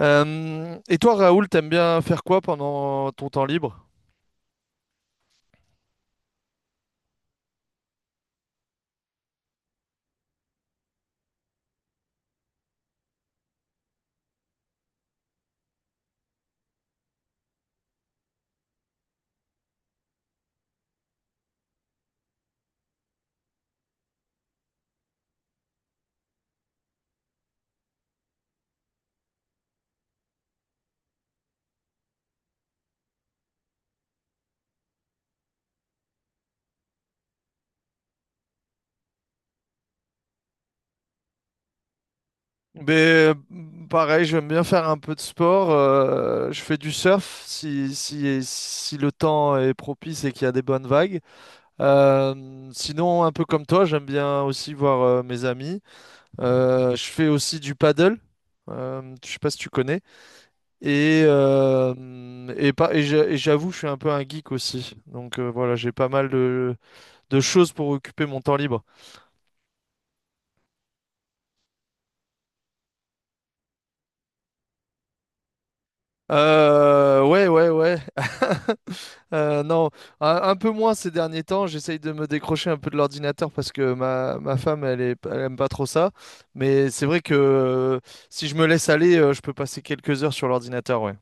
Et toi, Raoul, t'aimes bien faire quoi pendant ton temps libre? Ben, euh, pareil, j'aime bien faire un peu de sport. Je fais du surf si le temps est propice et qu'il y a des bonnes vagues. Sinon, un peu comme toi, j'aime bien aussi voir mes amis. Je fais aussi du paddle. Je sais pas si tu connais. Et, pas, et j'a- et j'avoue, je suis un peu un geek aussi. Voilà, j'ai pas mal de choses pour occuper mon temps libre. Ouais, ouais, ouais. Non, un peu moins ces derniers temps. J'essaye de me décrocher un peu de l'ordinateur parce que ma femme, elle aime pas trop ça. Mais c'est vrai que si je me laisse aller, je peux passer quelques heures sur l'ordinateur, ouais.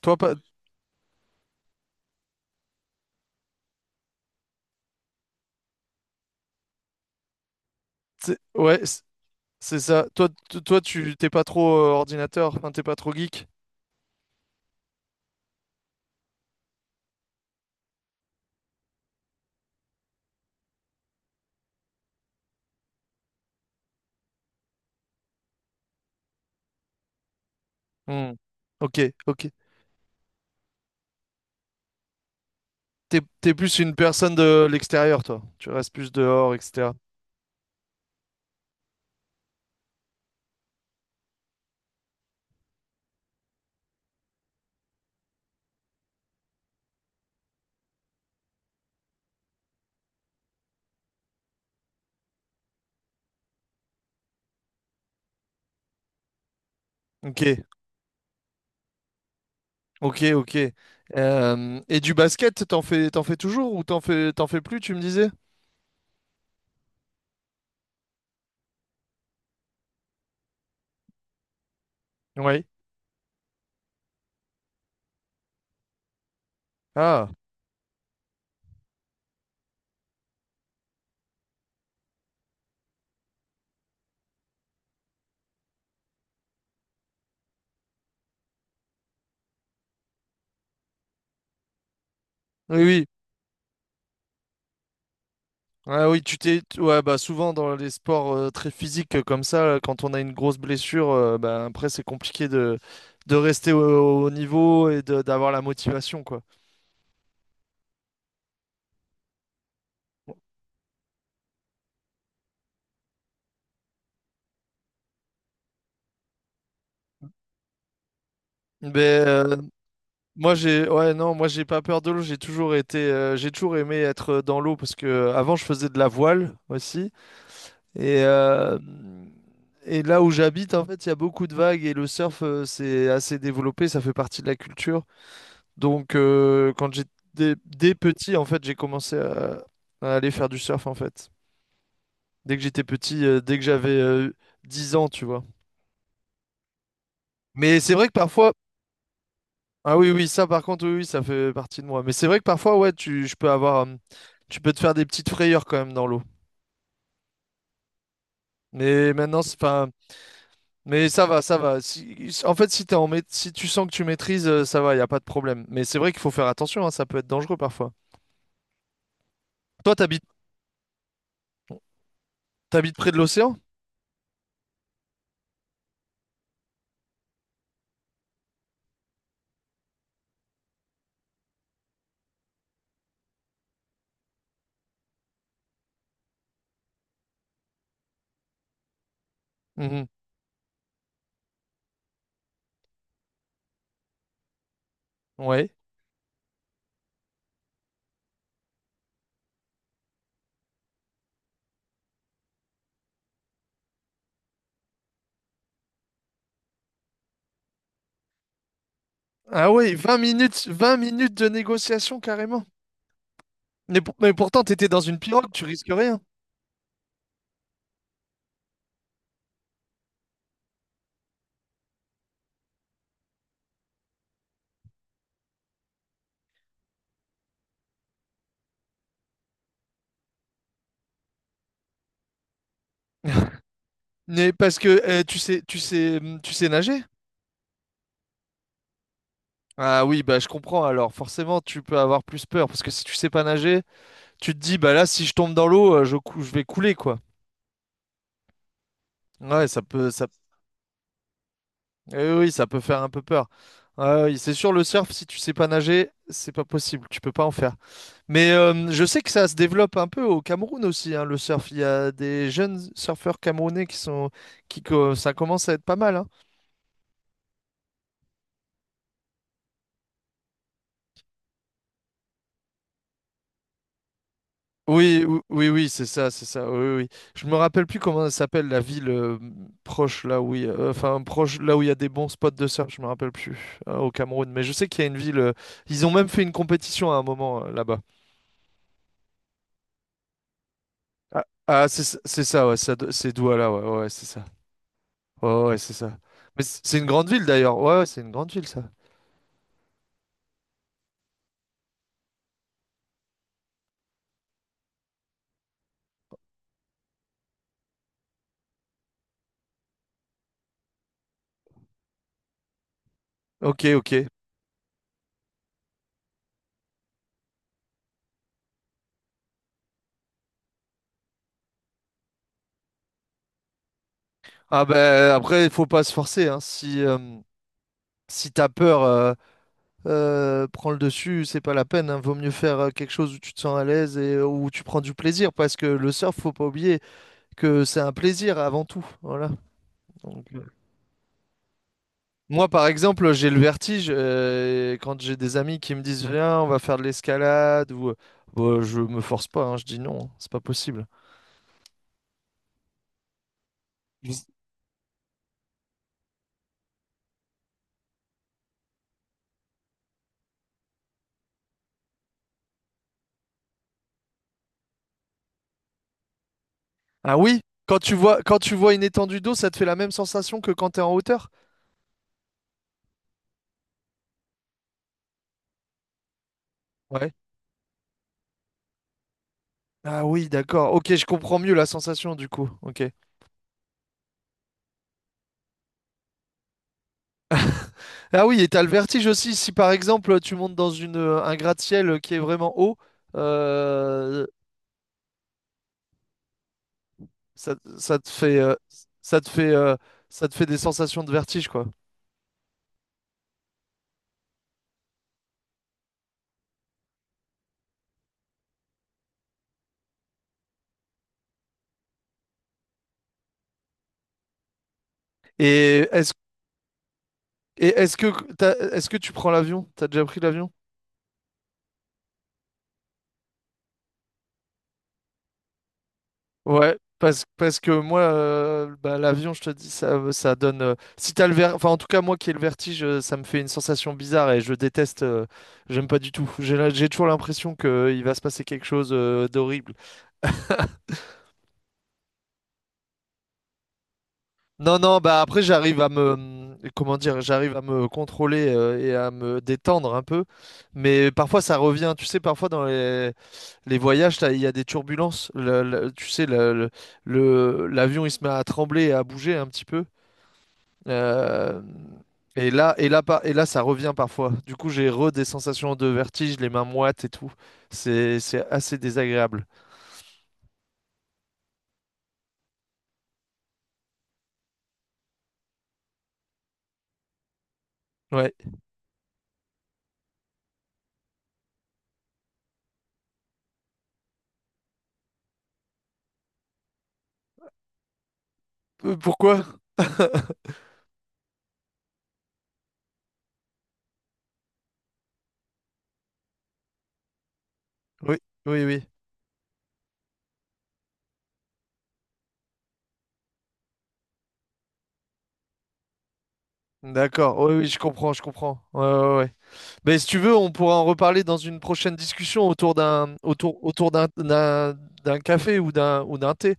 Toi, pas, ouais, c'est ça. Toi, toi, tu t'es pas trop ordinateur, enfin, t'es pas trop geek. Hmm. Ok, ok. T'es, t'es plus une personne de l'extérieur, toi. Tu restes plus dehors, etc. Ok, ok, ok. Et du basket, t'en fais toujours ou t'en fais plus, tu me disais? Oui. Ah, oui, oui. Ouais, oui, ouais, bah souvent dans les sports très physiques comme ça, quand on a une grosse blessure, bah, après c'est compliqué de rester au niveau et d'avoir la motivation quoi. Ben euh, Moi j'ai ouais non, moi j'ai pas peur de l'eau, j'ai toujours été j'ai toujours aimé être dans l'eau parce que avant je faisais de la voile aussi et euh, et là où j'habite en fait, il y a beaucoup de vagues et le surf c'est assez développé, ça fait partie de la culture. Quand j'étais dès petit, en fait, à aller faire du surf, en fait. Dès que j'étais petit, dès que j'avais 10 ans, tu vois. Mais c'est vrai que parfois... Ah oui, oui, ça, par contre, oui, oui, ça fait partie de moi. Mais c'est vrai que parfois, ouais, je peux avoir... tu peux te faire des petites frayeurs quand même dans l'eau. Mais maintenant, enfin, mais ça va, ça va. Si, en fait, si si tu sens que tu maîtrises, ça va, il n'y a pas de problème. Mais c'est vrai qu'il faut faire attention, hein, ça peut être dangereux parfois. Toi, t'habites, t'habites près de l'océan? Mhm. Ouais. Ah ouais, 20 minutes, 20 minutes de négociation carrément. Mais, mais pourtant, t'étais dans une pirogue, tu risques rien. Mais parce que tu sais nager? Ah oui, bah je comprends. Alors forcément, tu peux avoir plus peur parce que si tu sais pas nager, tu te dis bah là, si je tombe dans l'eau, je vais couler quoi. Ouais, ça peut, ça eh oui, ça peut faire un peu peur. Ah oui, c'est sûr, le surf, si tu sais pas nager, c'est pas possible, tu peux pas en faire. Mais je sais que ça se développe un peu au Cameroun aussi, hein, le surf. Il y a des jeunes surfeurs camerounais qui, ça commence à être pas mal, hein. Oui, oui, oui, c'est ça, c'est ça. Oui, oui. Je me rappelle plus comment elle s'appelle la ville proche là où, il y a- enfin proche là où il y a des bons spots de surf. Je me rappelle plus au Cameroun, mais je sais qu'il y a une ville. Ils ont même fait une compétition à un moment là-bas. Ah, ah, c'est ça, ouais, c'est Douala, ouais, ouais, ouais, c'est ça. Ouais, ouais, c'est ça. Mais c'est une grande ville d'ailleurs. Ouais, ouais, c'est une grande ville ça. Ok, ok. Ah ben après, il faut pas se forcer, hein. Si si t'as peur, prends le dessus, c'est pas la peine, hein. Vaut mieux faire quelque chose où tu te sens à l'aise et où tu prends du plaisir, parce que le surf, faut pas oublier que c'est un plaisir avant tout. Voilà. Donc, euh, Moi, par exemple, j'ai le vertige quand j'ai des amis qui me disent viens, on va faire de l'escalade ou bah, je me force pas, hein, je dis non, c'est pas possible. Je- Ah oui, quand tu vois une étendue d'eau, ça te fait la même sensation que quand t'es en hauteur? Ouais. Ah oui, d'accord. Ok, je comprends mieux la sensation du coup. Ok. Ah oui, et t'as le vertige aussi. Si par exemple tu montes dans une un gratte-ciel qui est vraiment haut, euh, ça te fait ça te fait ça te fait des sensations de vertige quoi. Et est-ce Et est-ce que est-ce que tu prends l'avion? T'as déjà pris l'avion? Ouais, parce que moi, bah, l'avion, je te dis, ça donne. Si t'as le enfin, en tout cas, moi qui ai le vertige, ça me fait une sensation bizarre et je déteste. J'aime pas du tout. J'ai toujours l'impression qu'il va se passer quelque chose d'horrible. Non, non, bah après j'arrive à me, comment dire, j'arrive à me contrôler et à me détendre un peu. Mais parfois ça revient, tu sais, parfois dans les voyages, il y a des turbulences. Tu sais, l'avion il se met à trembler et à bouger un petit peu. Euh, et là, et là, et là, ça revient parfois. Du coup, j'ai re des sensations de vertige, les mains moites et tout. C'est assez désagréable. Ouais. Pourquoi Oui, oui, oui. D'accord, oui, oui, je comprends, je comprends. Ouais, ouais, ouais. Mais si tu veux, on pourra en reparler dans une prochaine discussion autour, autour d'un d'un café ou d'un thé.